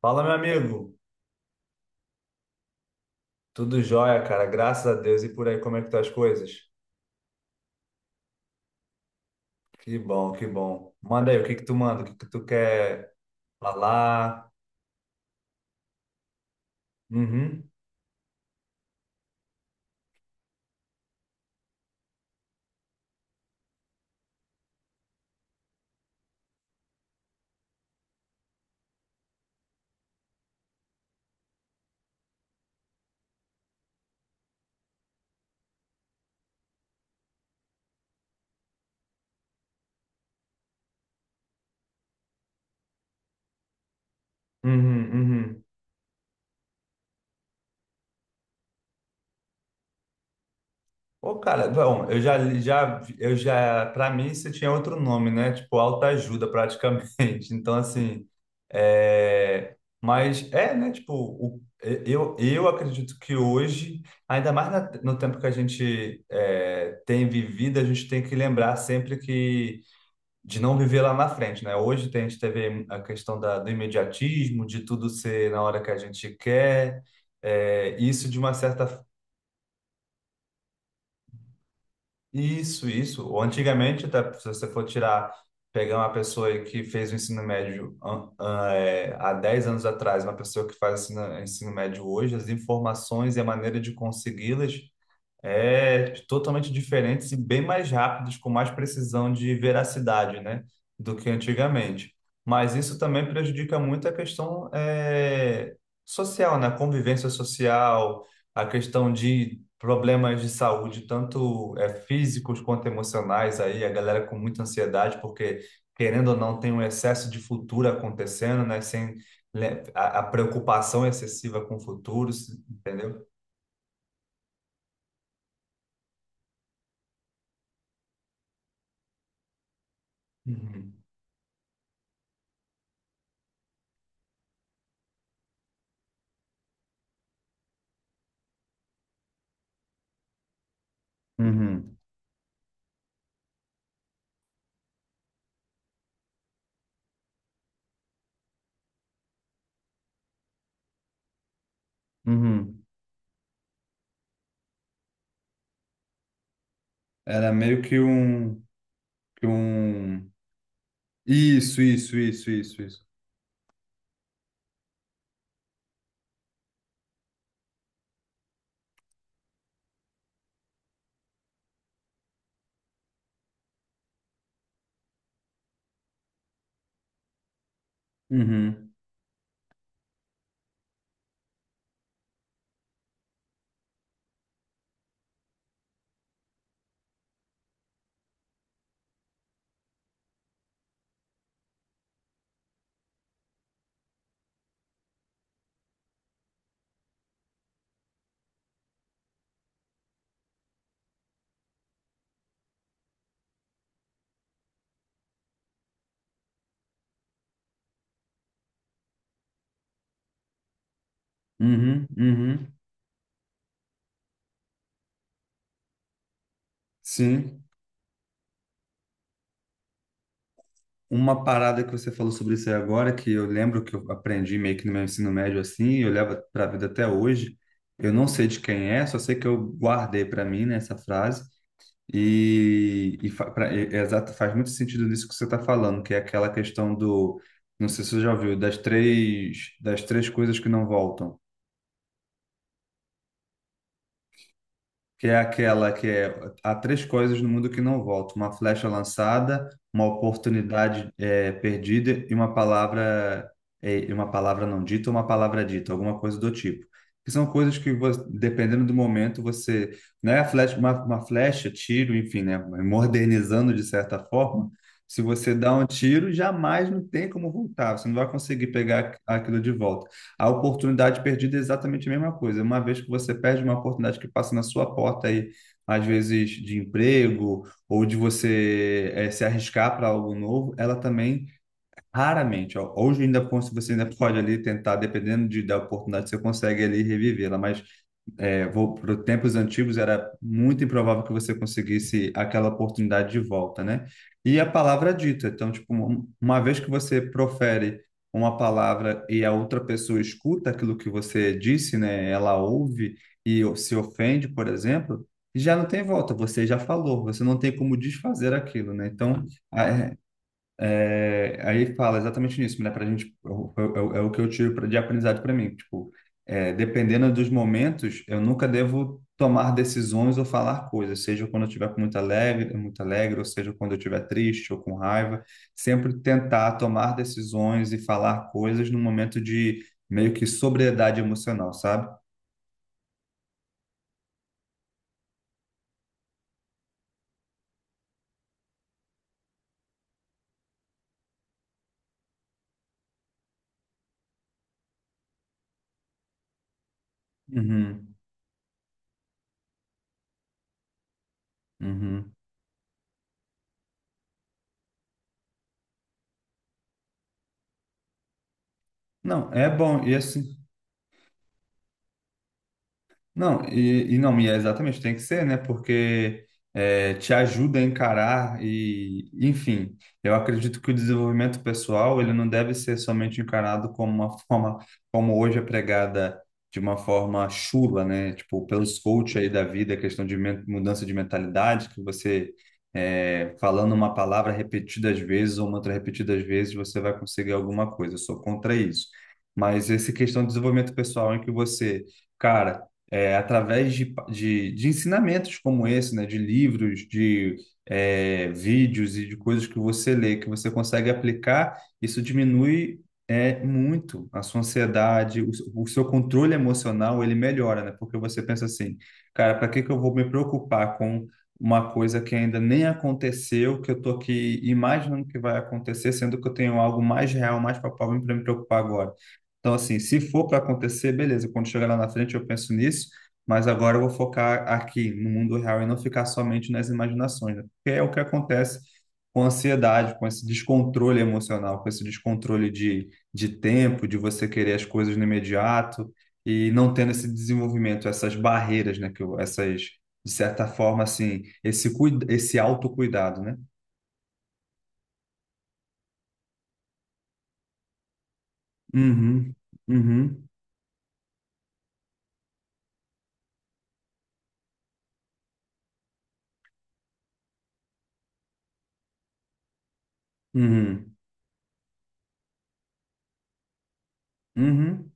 Fala, meu amigo. Tudo jóia, cara. Graças a Deus. E por aí, como é que estão as coisas? Que bom, que bom. Manda aí, o que que tu manda? O que que tu quer falar? Uhum, uhum, uhum. Ô, cara, bom, eu já, para mim você tinha outro nome, né? Tipo, autoajuda praticamente. Então, assim, é, mas é, né? Eu acredito que hoje, ainda mais no tempo que tem vivido, a gente tem que lembrar sempre que de não viver lá na frente, né? Hoje tem, a gente teve a questão da, do imediatismo, de tudo ser na hora que a gente quer. É, isso de uma certa... Isso, isso. Ou antigamente, até se você for tirar, pegar uma pessoa aí que fez o ensino médio há 10 anos atrás, uma pessoa que faz ensino médio hoje, as informações e a maneira de consegui-las é totalmente diferentes e bem mais rápidos, com mais precisão de veracidade, né, do que antigamente. Mas isso também prejudica muito a questão social, né, a convivência social, a questão de problemas de saúde, tanto físicos quanto emocionais aí, a galera com muita ansiedade, porque querendo ou não tem um excesso de futuro acontecendo, né, sem né, a preocupação excessiva com o futuro, entendeu? Uhum. Uhum. Uhum. Era meio que um, que um... Isso, isso, isso, isso, isso. Uhum, uhum, uhum. Sim. Uma parada que você falou sobre isso aí agora, que eu lembro que eu aprendi meio que no meu ensino médio assim, e eu levo para a vida até hoje. Eu não sei de quem é, só sei que eu guardei para mim, né, essa frase. É exato, faz muito sentido nisso que você está falando, que é aquela questão do, não sei se você já ouviu, das três coisas que não voltam. Que é aquela que é: há três coisas no mundo que não voltam: uma flecha lançada, uma oportunidade perdida e uma palavra uma palavra não dita, uma palavra dita, alguma coisa do tipo. Que são coisas que dependendo do momento você, né, uma flecha, tiro, enfim, né, modernizando de certa forma. Se você dá um tiro, jamais não tem como voltar. Você não vai conseguir pegar aquilo de volta. A oportunidade perdida é exatamente a mesma coisa. Uma vez que você perde uma oportunidade que passa na sua porta aí, às vezes de emprego ou de você se arriscar para algo novo, ela também raramente, ó, hoje ainda se você ainda pode ali tentar, dependendo de, da oportunidade, você consegue ali revivê-la, mas vou para tempos antigos, era muito improvável que você conseguisse aquela oportunidade de volta, né? E a palavra é dita. Então, tipo, uma vez que você profere uma palavra e a outra pessoa escuta aquilo que você disse, né? Ela ouve e se ofende, por exemplo, já não tem volta. Você já falou. Você não tem como desfazer aquilo, né? Então, é, aí fala exatamente nisso, né? Pra gente, é o que eu tiro de aprendizado para mim. Tipo, é, dependendo dos momentos, eu nunca devo tomar decisões ou falar coisas, seja quando eu estiver com muito alegre, ou seja quando eu estiver triste ou com raiva. Sempre tentar tomar decisões e falar coisas num momento de meio que sobriedade emocional, sabe? Uhum, uhum. Não, é bom. E assim. Não, e não, e é exatamente, tem que ser, né? Porque é, te ajuda a encarar e, enfim, eu acredito que o desenvolvimento pessoal, ele não deve ser somente encarado como uma forma, como hoje é pregada de uma forma chula, né? Tipo, pelos coaches aí da vida, questão de mudança de mentalidade, que você, é, falando uma palavra repetidas vezes ou uma outra repetidas vezes, você vai conseguir alguma coisa. Eu sou contra isso. Mas essa questão de desenvolvimento pessoal em que você, cara, é, através de, de ensinamentos como esse, né, de livros, de é, vídeos e de coisas que você lê, que você consegue aplicar, isso diminui é, muito a sua ansiedade, o seu controle emocional, ele melhora, né? Porque você pensa assim, cara, para que que eu vou me preocupar com uma coisa que ainda nem aconteceu, que eu tô aqui imaginando que vai acontecer, sendo que eu tenho algo mais real, mais palpável para me preocupar agora. Então, assim, se for para acontecer, beleza, quando chegar lá na frente eu penso nisso, mas agora eu vou focar aqui, no mundo real, e não ficar somente nas imaginações, né? Porque é o que acontece com a ansiedade, com esse descontrole emocional, com esse descontrole de tempo, de você querer as coisas no imediato e não tendo esse desenvolvimento, essas barreiras, né? De certa forma, assim, esse, esse autocuidado, né? Uhum, uhum, uhum, uhum,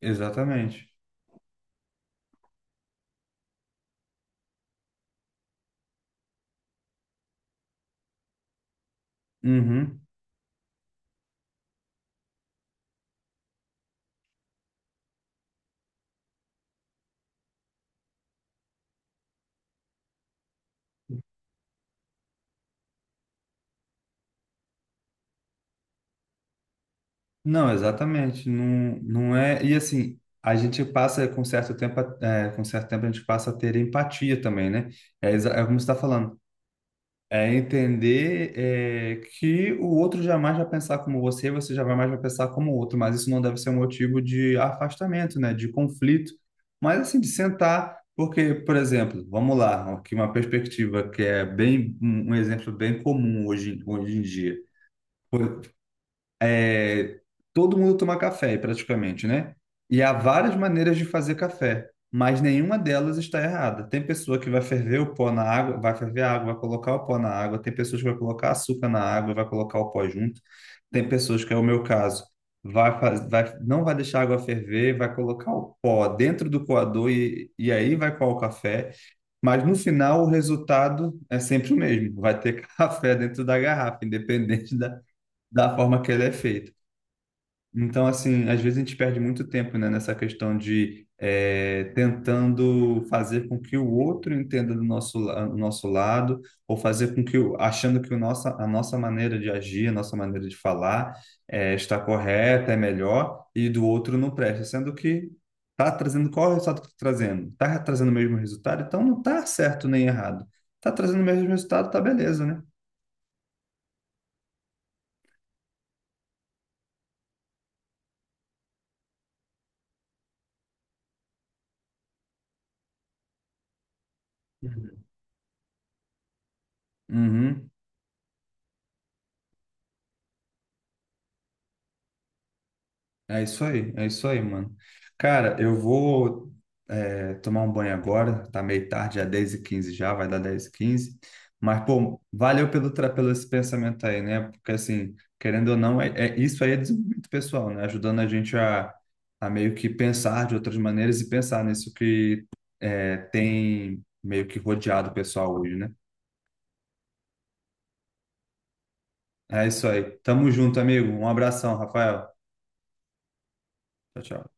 exatamente. Uhum. Não, exatamente. Não, não é. E assim, a gente passa com certo tempo, com certo tempo a gente passa a ter empatia também, né? É como você está falando. É entender é, que o outro jamais vai pensar como você, você jamais vai pensar como o outro, mas isso não deve ser um motivo de afastamento, né? De conflito. Mas assim, de sentar, porque, por exemplo, vamos lá, aqui uma perspectiva que é bem um exemplo bem comum hoje, hoje em dia é, todo mundo toma café, praticamente, né? E há várias maneiras de fazer café, mas nenhuma delas está errada. Tem pessoa que vai ferver o pó na água, vai ferver a água, vai colocar o pó na água. Tem pessoas que vai colocar açúcar na água, vai colocar o pó junto. Tem pessoas que é o meu caso, vai, não vai deixar a água ferver, vai colocar o pó dentro do coador e aí vai coar o café. Mas no final o resultado é sempre o mesmo. Vai ter café dentro da garrafa, independente da forma que ele é feito. Então, assim, às vezes a gente perde muito tempo, né, nessa questão de tentando fazer com que o outro entenda do nosso, do nosso lado, ou fazer com que, achando que o nossa, a nossa maneira de agir, a nossa maneira de falar eh, está correta, é melhor, e do outro não presta, sendo que está trazendo, qual é o resultado que está trazendo? Está trazendo o mesmo resultado? Então não está certo nem errado. Está trazendo o mesmo resultado, tá beleza, né? Uhum. Uhum. É isso aí, mano. Cara, eu vou é, tomar um banho agora, tá meio tarde, já é 10:15 já, vai dar 10:15. Mas, pô, valeu pelo, pelo esse pensamento aí, né? Porque, assim, querendo ou não, é, isso aí é desenvolvimento pessoal, né? Ajudando a gente a meio que pensar de outras maneiras e pensar nisso que é, tem meio que rodeado o pessoal hoje, né? É isso aí. Tamo junto, amigo. Um abração, Rafael. Tchau, tchau.